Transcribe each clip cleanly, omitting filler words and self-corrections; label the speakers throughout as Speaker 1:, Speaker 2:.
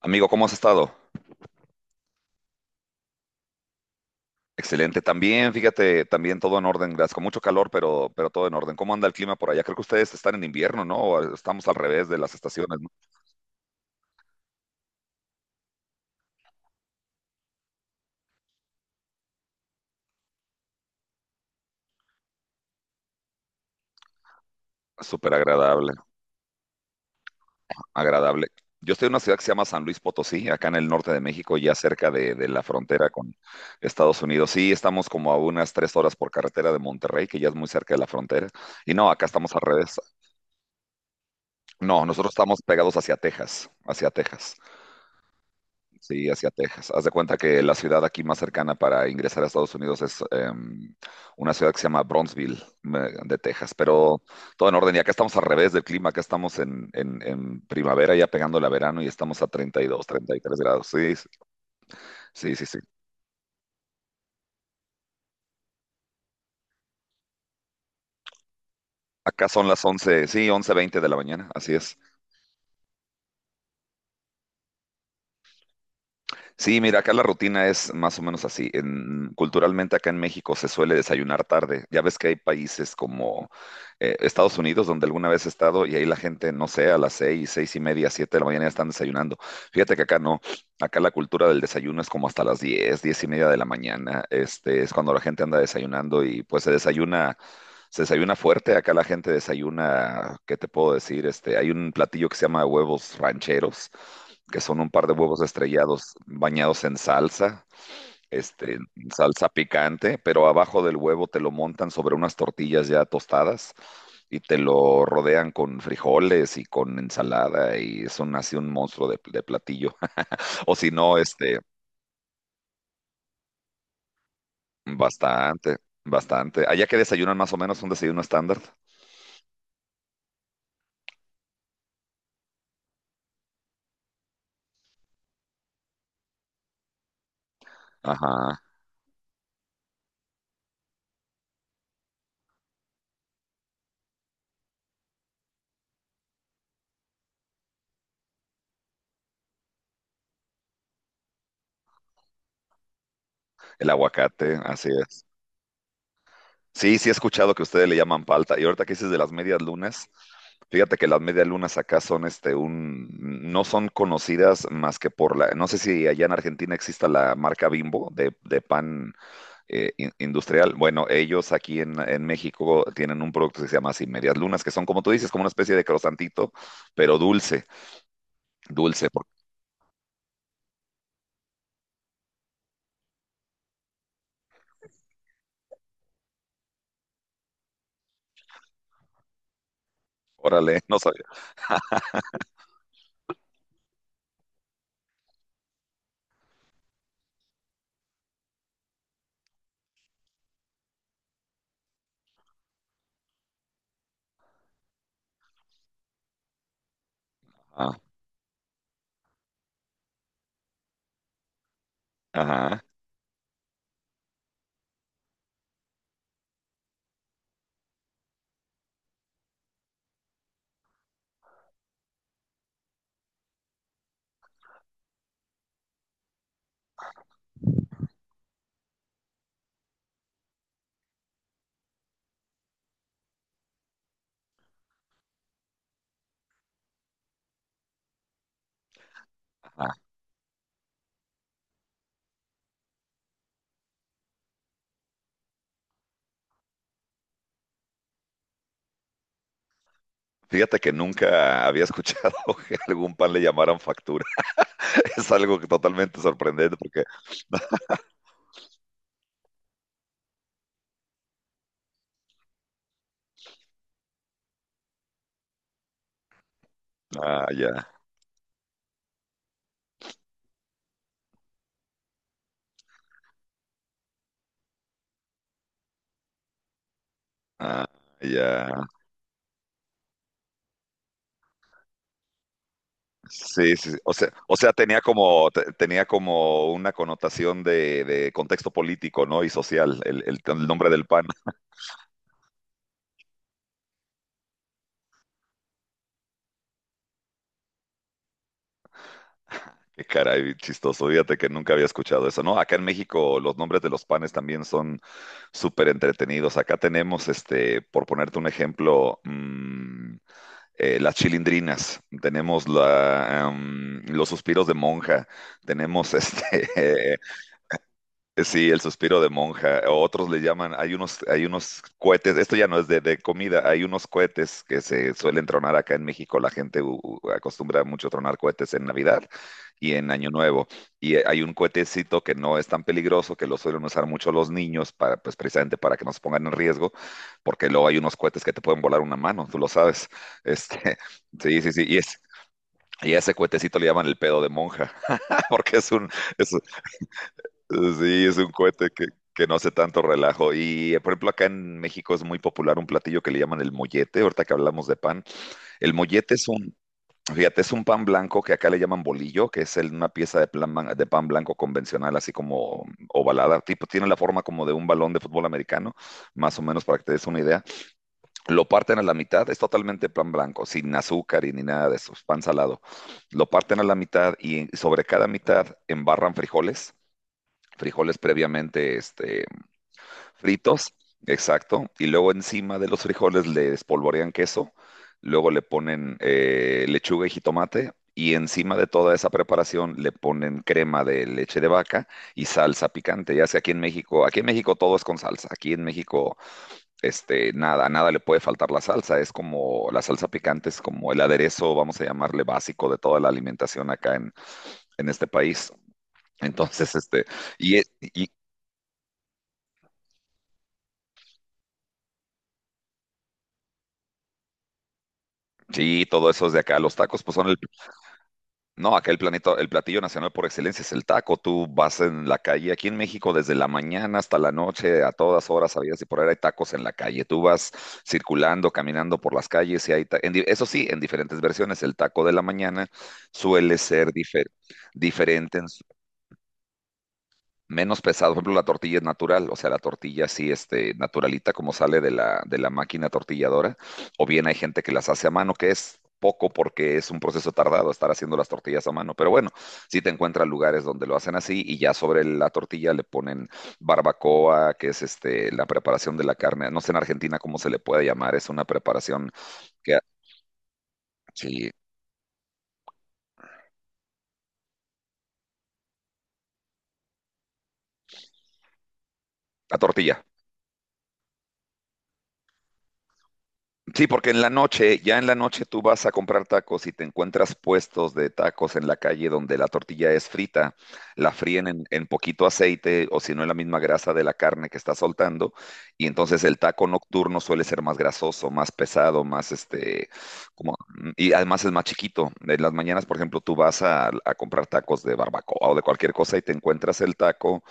Speaker 1: Amigo, ¿cómo has estado? Excelente. También, fíjate, también todo en orden, gracias. Con mucho calor, pero todo en orden. ¿Cómo anda el clima por allá? Creo que ustedes están en invierno, ¿no? O estamos al revés de las estaciones, ¿no? Súper agradable, agradable. Yo estoy en una ciudad que se llama San Luis Potosí, acá en el norte de México, ya cerca de la frontera con Estados Unidos. Sí, estamos como a unas 3 horas por carretera de Monterrey, que ya es muy cerca de la frontera. Y no, acá estamos al revés. No, nosotros estamos pegados hacia Texas, hacia Texas. Sí, hacia Texas. Haz de cuenta que la ciudad aquí más cercana para ingresar a Estados Unidos es una ciudad que se llama Bronzeville, de Texas, pero todo en orden. Y acá estamos al revés del clima, acá estamos en primavera, ya pegando la verano y estamos a 32, 33 grados. Sí, sí, sí, sí. Acá son las 11, sí, 11:20 de la mañana, así es. Sí, mira, acá la rutina es más o menos así. Culturalmente acá en México se suele desayunar tarde. Ya ves que hay países como Estados Unidos, donde alguna vez he estado, y ahí la gente, no sé, a las 6, 6:30, 7 de la mañana ya están desayunando. Fíjate que acá no. Acá la cultura del desayuno es como hasta las 10, 10:30 de la mañana. Este es cuando la gente anda desayunando y pues se desayuna fuerte, acá la gente desayuna, ¿qué te puedo decir? Este, hay un platillo que se llama huevos rancheros, que son un par de huevos estrellados bañados en salsa, este, en salsa picante, pero abajo del huevo te lo montan sobre unas tortillas ya tostadas y te lo rodean con frijoles y con ensalada y son así un monstruo de platillo. O si no, este, bastante, bastante. Allá que desayunan más o menos un desayuno estándar. Ajá, el aguacate, así es. Sí, sí he escuchado que ustedes le llaman palta. Y ahorita que dices de las medias lunas, fíjate que las medias lunas acá son no son conocidas más que por no sé si allá en Argentina exista la marca Bimbo de pan industrial. Bueno, ellos aquí en México tienen un producto que se llama así, medias lunas, que son como tú dices, como una especie de crosantito, pero dulce, dulce, porque órale, no sabía. Ah, ajá, ajá. Fíjate que nunca había escuchado que algún pan le llamaran factura. es algo que totalmente sorprendente porque, ah, ya, ah, ya, sí, sí, sí. O sea, tenía como, tenía como una connotación de contexto político, ¿no? Y social, el nombre del pan, qué caray, chistoso, fíjate que nunca había escuchado eso, ¿no? Acá en México los nombres de los panes también son súper entretenidos, acá tenemos, este, por ponerte un ejemplo, las chilindrinas, tenemos los suspiros de monja, tenemos este sí, el suspiro de monja, o otros le llaman, hay unos cohetes, esto ya no es de comida, hay unos cohetes que se suelen tronar acá en México, la gente acostumbra mucho tronar cohetes en Navidad y en Año Nuevo, y hay un cohetecito que no es tan peligroso, que lo suelen usar mucho los niños, para, pues precisamente para que no se pongan en riesgo, porque luego hay unos cohetes que te pueden volar una mano, tú lo sabes, este, sí, sí, sí, y es... Y a ese cohetecito le llaman el pedo de monja, porque es, sí, es un cohete que no hace tanto relajo. Y, por ejemplo, acá en México es muy popular un platillo que le llaman el mollete, ahorita que hablamos de pan. El mollete fíjate, es un pan blanco que acá le llaman bolillo, que es una pieza de pan blanco convencional, así como ovalada, tipo, tiene la forma como de un balón de fútbol americano, más o menos para que te des una idea. Lo parten a la mitad, es totalmente pan blanco, sin azúcar y ni nada de eso, es pan salado. Lo parten a la mitad y sobre cada mitad embarran frijoles previamente este, fritos, exacto, y luego encima de los frijoles le espolvorean queso, luego le ponen lechuga y jitomate, y encima de toda esa preparación le ponen crema de leche de vaca y salsa picante. Ya sea aquí en México todo es con salsa, aquí en México este, nada, a nada le puede faltar la salsa, es como la salsa picante, es como el aderezo, vamos a llamarle básico de toda la alimentación acá en este país. Entonces, este, y, e- y, sí, todo eso es de acá. Los tacos, pues son el. No, acá el platillo nacional por excelencia es el taco. Tú vas en la calle, aquí en México, desde la mañana hasta la noche, a todas horas, sabías y por ahí hay tacos en la calle. Tú vas circulando, caminando por las calles y hay. Eso sí, en diferentes versiones. El taco de la mañana suele ser diferente en menos pesado. Por ejemplo, la tortilla es natural, o sea, la tortilla así, este, naturalita como sale de la máquina tortilladora, o bien hay gente que las hace a mano, que es poco porque es un proceso tardado estar haciendo las tortillas a mano, pero bueno, sí te encuentras lugares donde lo hacen así y ya sobre la tortilla le ponen barbacoa, que es este, la preparación de la carne, no sé en Argentina cómo se le puede llamar, es una preparación que, sí, la tortilla, sí, porque en la noche, ya en la noche tú vas a comprar tacos y te encuentras puestos de tacos en la calle donde la tortilla es frita, la fríen en poquito aceite o si no en la misma grasa de la carne que está soltando y entonces el taco nocturno suele ser más grasoso, más pesado, más este, como, y además es más chiquito. En las mañanas, por ejemplo, tú vas a comprar tacos de barbacoa o de cualquier cosa y te encuentras el taco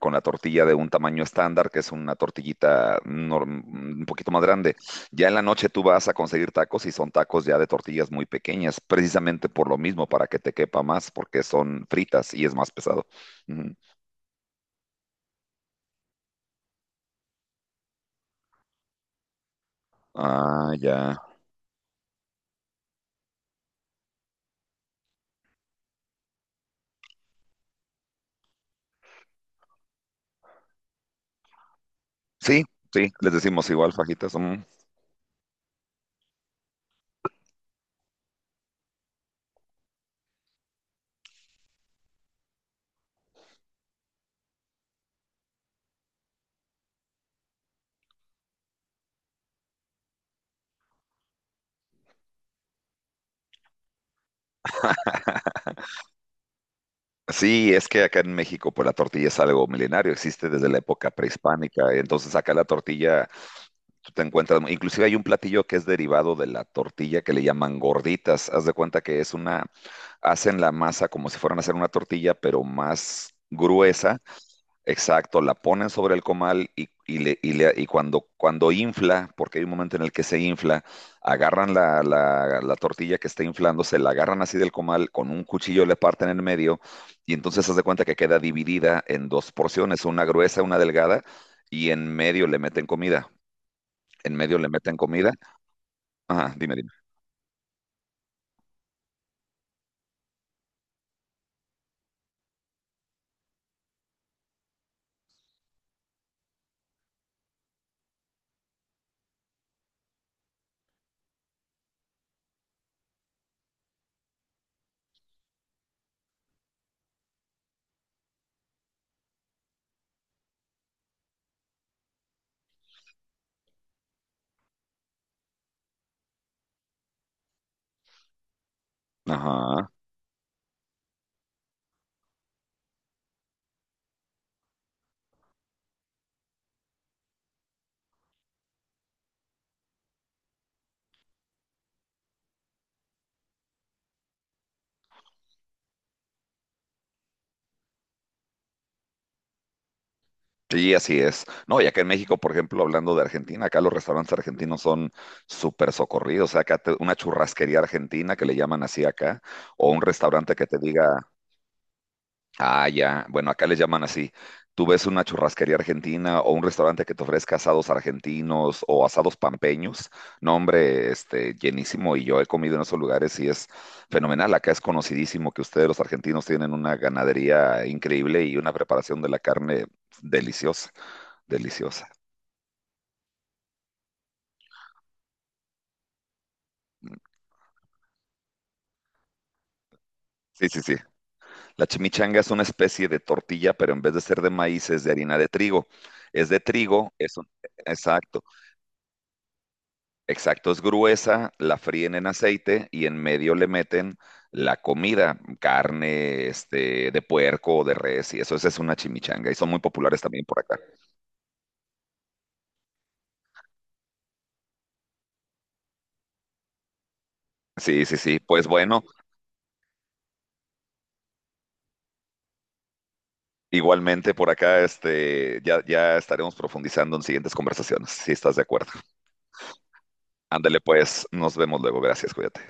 Speaker 1: con la tortilla de un tamaño estándar, que es una tortillita un poquito más grande. Ya en la noche tú vas a conseguir tacos y son tacos ya de tortillas muy pequeñas, precisamente por lo mismo, para que te quepa más, porque son fritas y es más pesado. Ujú. Ah, ya. Sí, sí, les decimos igual, fajitas. Ujú. Sí, es que acá en México, pues la tortilla es algo milenario, existe desde la época prehispánica, entonces acá la tortilla tú te encuentras, inclusive hay un platillo que es derivado de la tortilla que le llaman gorditas, haz de cuenta que es una, hacen la masa como si fueran a hacer una tortilla, pero más gruesa, exacto, la ponen sobre el comal y cuando, infla, porque hay un momento en el que se infla, agarran la tortilla que está inflando, se la agarran así del comal, con un cuchillo le parten en medio y entonces haz de cuenta que queda dividida en dos porciones, una gruesa, una delgada, y en medio le meten comida. En medio le meten comida. Ajá, dime, dime. Ajá. Sí, así es. No, y acá en México, por ejemplo, hablando de Argentina, acá los restaurantes argentinos son súper socorridos. O sea, acá una churrasquería argentina que le llaman así acá, o un restaurante que te diga, ah, ya. Bueno, acá les llaman así. Tú ves una churrasquería argentina o un restaurante que te ofrezca asados argentinos o asados pampeños. No, hombre, este, llenísimo. Y yo he comido en esos lugares y es fenomenal. Acá es conocidísimo que ustedes, los argentinos, tienen una ganadería increíble y una preparación de la carne deliciosa, deliciosa. Sí, sí, sí. La chimichanga es una especie de tortilla, pero en vez de ser de maíz es de harina de trigo. Es de trigo, es un... Exacto. Exacto, es gruesa, la fríen en aceite y en medio le meten la comida, carne, este, de puerco o de res, y eso esa es una chimichanga, y son muy populares también por acá. Sí, sí, sí, pues bueno, igualmente por acá, este, ya, ya estaremos profundizando en siguientes conversaciones, si estás de acuerdo. Ándale pues, nos vemos luego, gracias, cuídate.